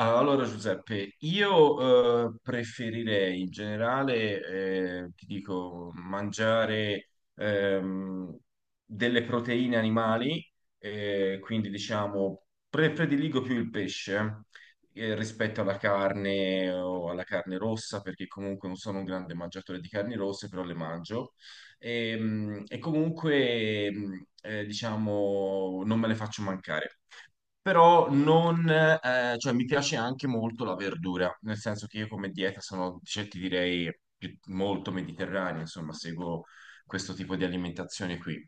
Allora Giuseppe, io preferirei in generale, ti dico, mangiare delle proteine animali, quindi diciamo prediligo più il pesce rispetto alla carne o alla carne rossa, perché comunque non sono un grande mangiatore di carni rosse, però le mangio. E, comunque, diciamo, non me le faccio mancare però non, cioè mi piace anche molto la verdura, nel senso che io come dieta sono, cioè, ti direi, molto mediterranea, insomma, seguo questo tipo di alimentazione qui.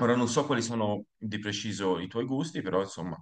Ora non so quali sono di preciso i tuoi gusti, però insomma,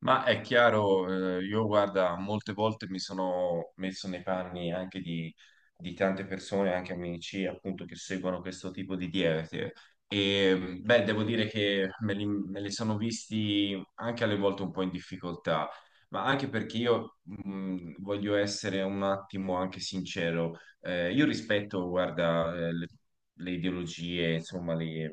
ma è chiaro, io guarda, molte volte mi sono messo nei panni anche di tante persone, anche amici, appunto, che seguono questo tipo di diete. E beh, devo dire che me li sono visti anche alle volte un po' in difficoltà, ma anche perché io voglio essere un attimo anche sincero. Io rispetto, guarda, le ideologie, insomma,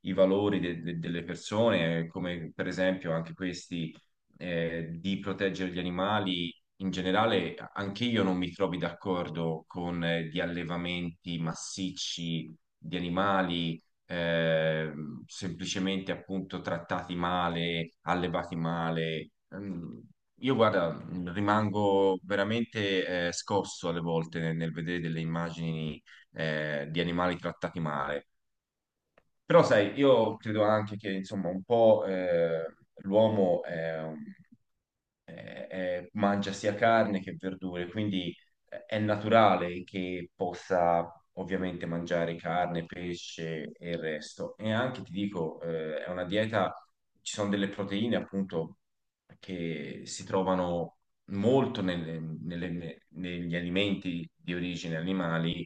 i valori delle persone, come per esempio anche questi di proteggere gli animali, in generale, anche io non mi trovi d'accordo con gli allevamenti massicci di animali, semplicemente appunto trattati male, allevati male. Mm, Io guarda, rimango veramente scosso alle volte nel vedere delle immagini di animali trattati male. Però sai, io credo anche che insomma un po' l'uomo è un mangia sia carne che verdure, quindi è naturale che possa ovviamente mangiare carne, pesce e il resto. E anche ti dico, è una dieta, ci sono delle proteine appunto che si trovano molto negli alimenti di origine animali.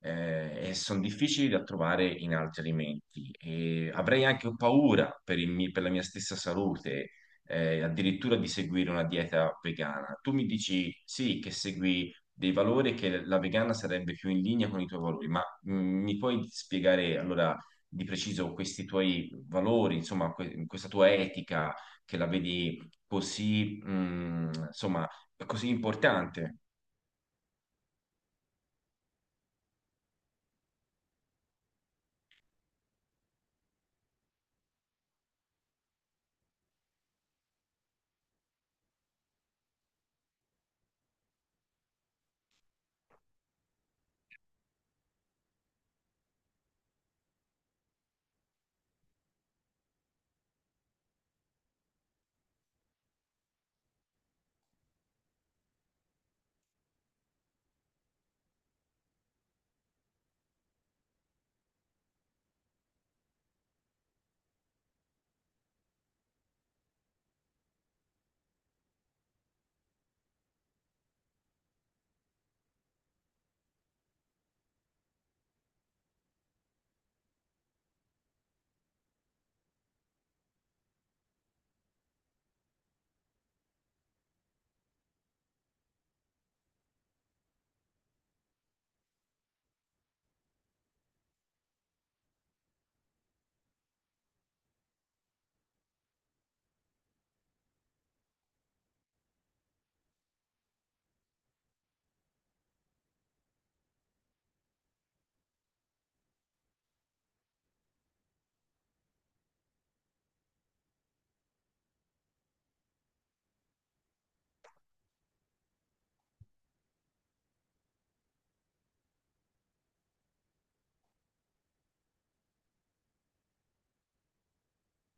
E sono difficili da trovare in altri alimenti e avrei anche paura per per la mia stessa salute addirittura di seguire una dieta vegana. Tu mi dici sì, che segui dei valori, che la vegana sarebbe più in linea con i tuoi valori, ma mi puoi spiegare allora di preciso questi tuoi valori, insomma, questa tua etica che la vedi così, insomma, così importante?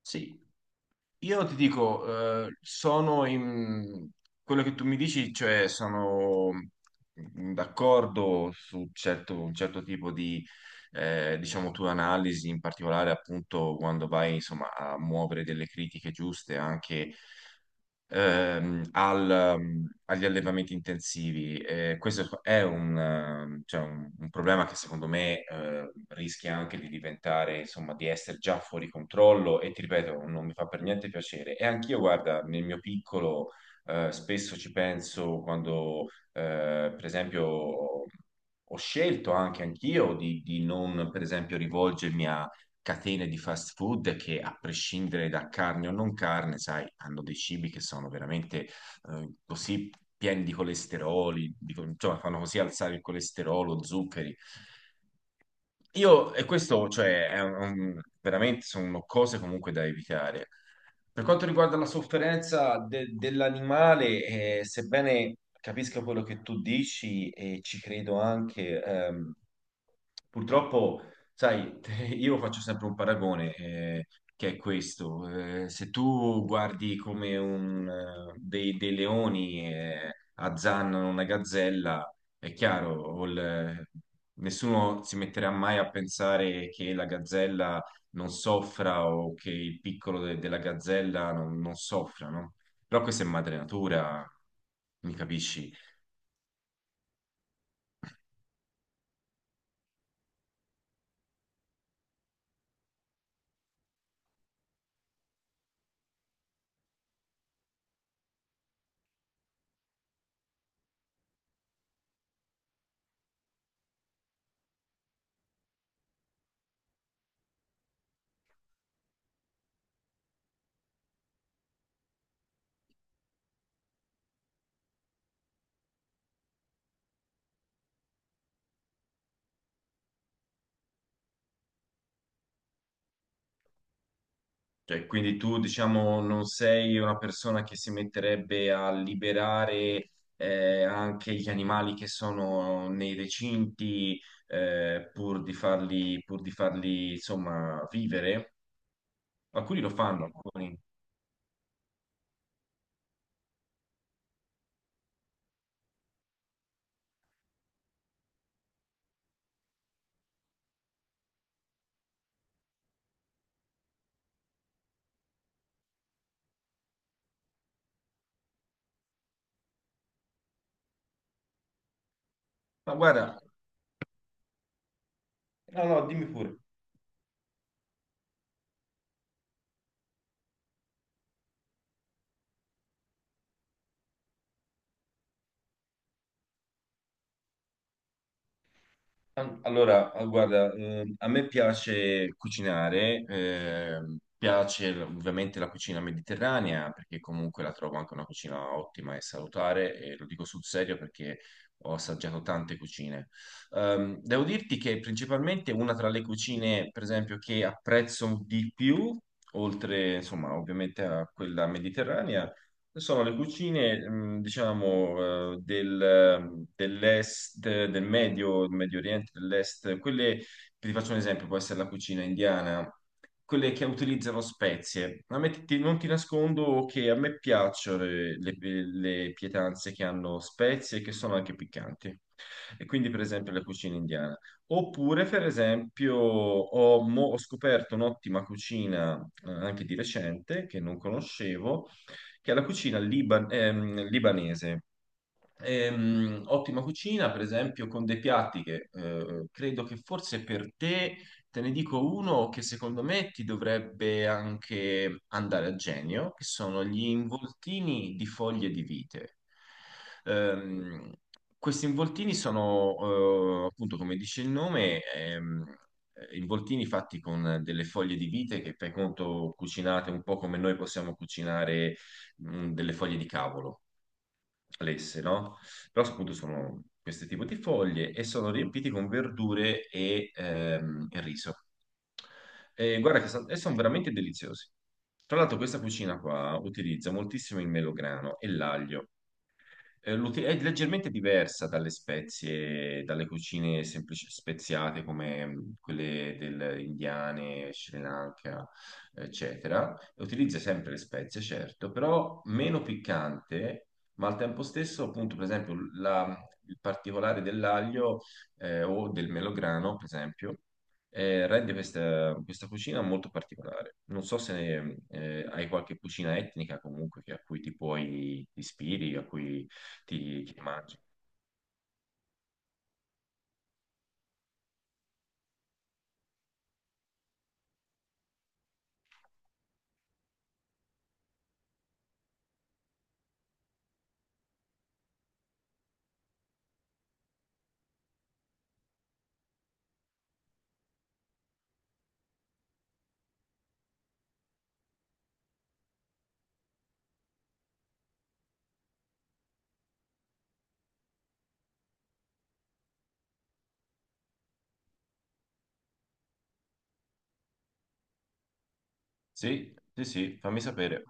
Sì, io ti dico, sono in quello che tu mi dici, cioè sono d'accordo su un certo tipo di, diciamo, tua analisi, in particolare appunto quando vai, insomma, a muovere delle critiche giuste anche agli allevamenti intensivi. Questo è un, cioè un problema che secondo me rischia anche di diventare, insomma, di essere già fuori controllo e ti ripeto, non mi fa per niente piacere. E anch'io, guarda, nel mio piccolo spesso ci penso quando, per esempio, ho scelto anche anch'io di non, per esempio, rivolgermi catene di fast food che, a prescindere da carne o non carne, sai, hanno dei cibi che sono veramente così pieni di colesteroli, insomma, fanno così alzare il colesterolo, zuccheri. Io, e questo, cioè, è veramente sono cose comunque da evitare. Per quanto riguarda la sofferenza dell'animale, sebbene capisca quello che tu dici e ci credo anche, purtroppo, sai, io faccio sempre un paragone, che è questo. Se tu guardi come un, dei leoni, azzannano una gazzella, è chiaro, nessuno si metterà mai a pensare che la gazzella non soffra o che il piccolo della gazzella non soffra, no? Però questa è madre natura, mi capisci? Cioè, quindi tu, diciamo, non sei una persona che si metterebbe a liberare anche gli animali che sono nei recinti pur di farli, insomma, vivere? Alcuni lo fanno, alcuni. Ma guarda, no, no, dimmi pure. Allora, guarda, a me piace cucinare, piace ovviamente la cucina mediterranea perché comunque la trovo anche una cucina ottima e salutare e lo dico sul serio perché ho assaggiato tante cucine. Devo dirti che principalmente una tra le cucine, per esempio, che apprezzo di più, oltre insomma ovviamente a quella mediterranea, sono le cucine, diciamo, dell'est, del Medio Oriente, dell'est, quelle, ti faccio un esempio, può essere la cucina indiana, quelle che utilizzano spezie. A me non ti nascondo che a me piacciono le pietanze che hanno spezie e che sono anche piccanti. E quindi, per esempio, la cucina indiana. Oppure, per esempio, ho scoperto un'ottima cucina, anche di recente, che non conoscevo, che è la cucina libanese. Ottima cucina, per esempio, con dei piatti che credo che forse per te, te ne dico uno che secondo me ti dovrebbe anche andare a genio, che sono gli involtini di foglie di vite. Ehm, Questi involtini sono, appunto, come dice il nome, involtini fatti con delle foglie di vite che, per conto, cucinate un po' come noi possiamo cucinare, delle foglie di cavolo lesse, no? Però appunto sono questo tipo di foglie e sono riempiti con verdure e riso. E guarda che e sono veramente deliziosi. Tra l'altro questa cucina qua utilizza moltissimo il melograno e l'aglio. È leggermente diversa dalle spezie, dalle cucine semplici speziate come quelle del indiane, Sri Lanka, eccetera. Utilizza sempre le spezie, certo, però meno piccante, ma al tempo stesso, appunto, per esempio, il particolare dell'aglio o del melograno, per esempio, rende questa, questa cucina molto particolare. Non so se hai qualche cucina etnica comunque a cui ti puoi ti ispiri, a cui ti, ti mangi. Sì, sì, sì, fammi sapere.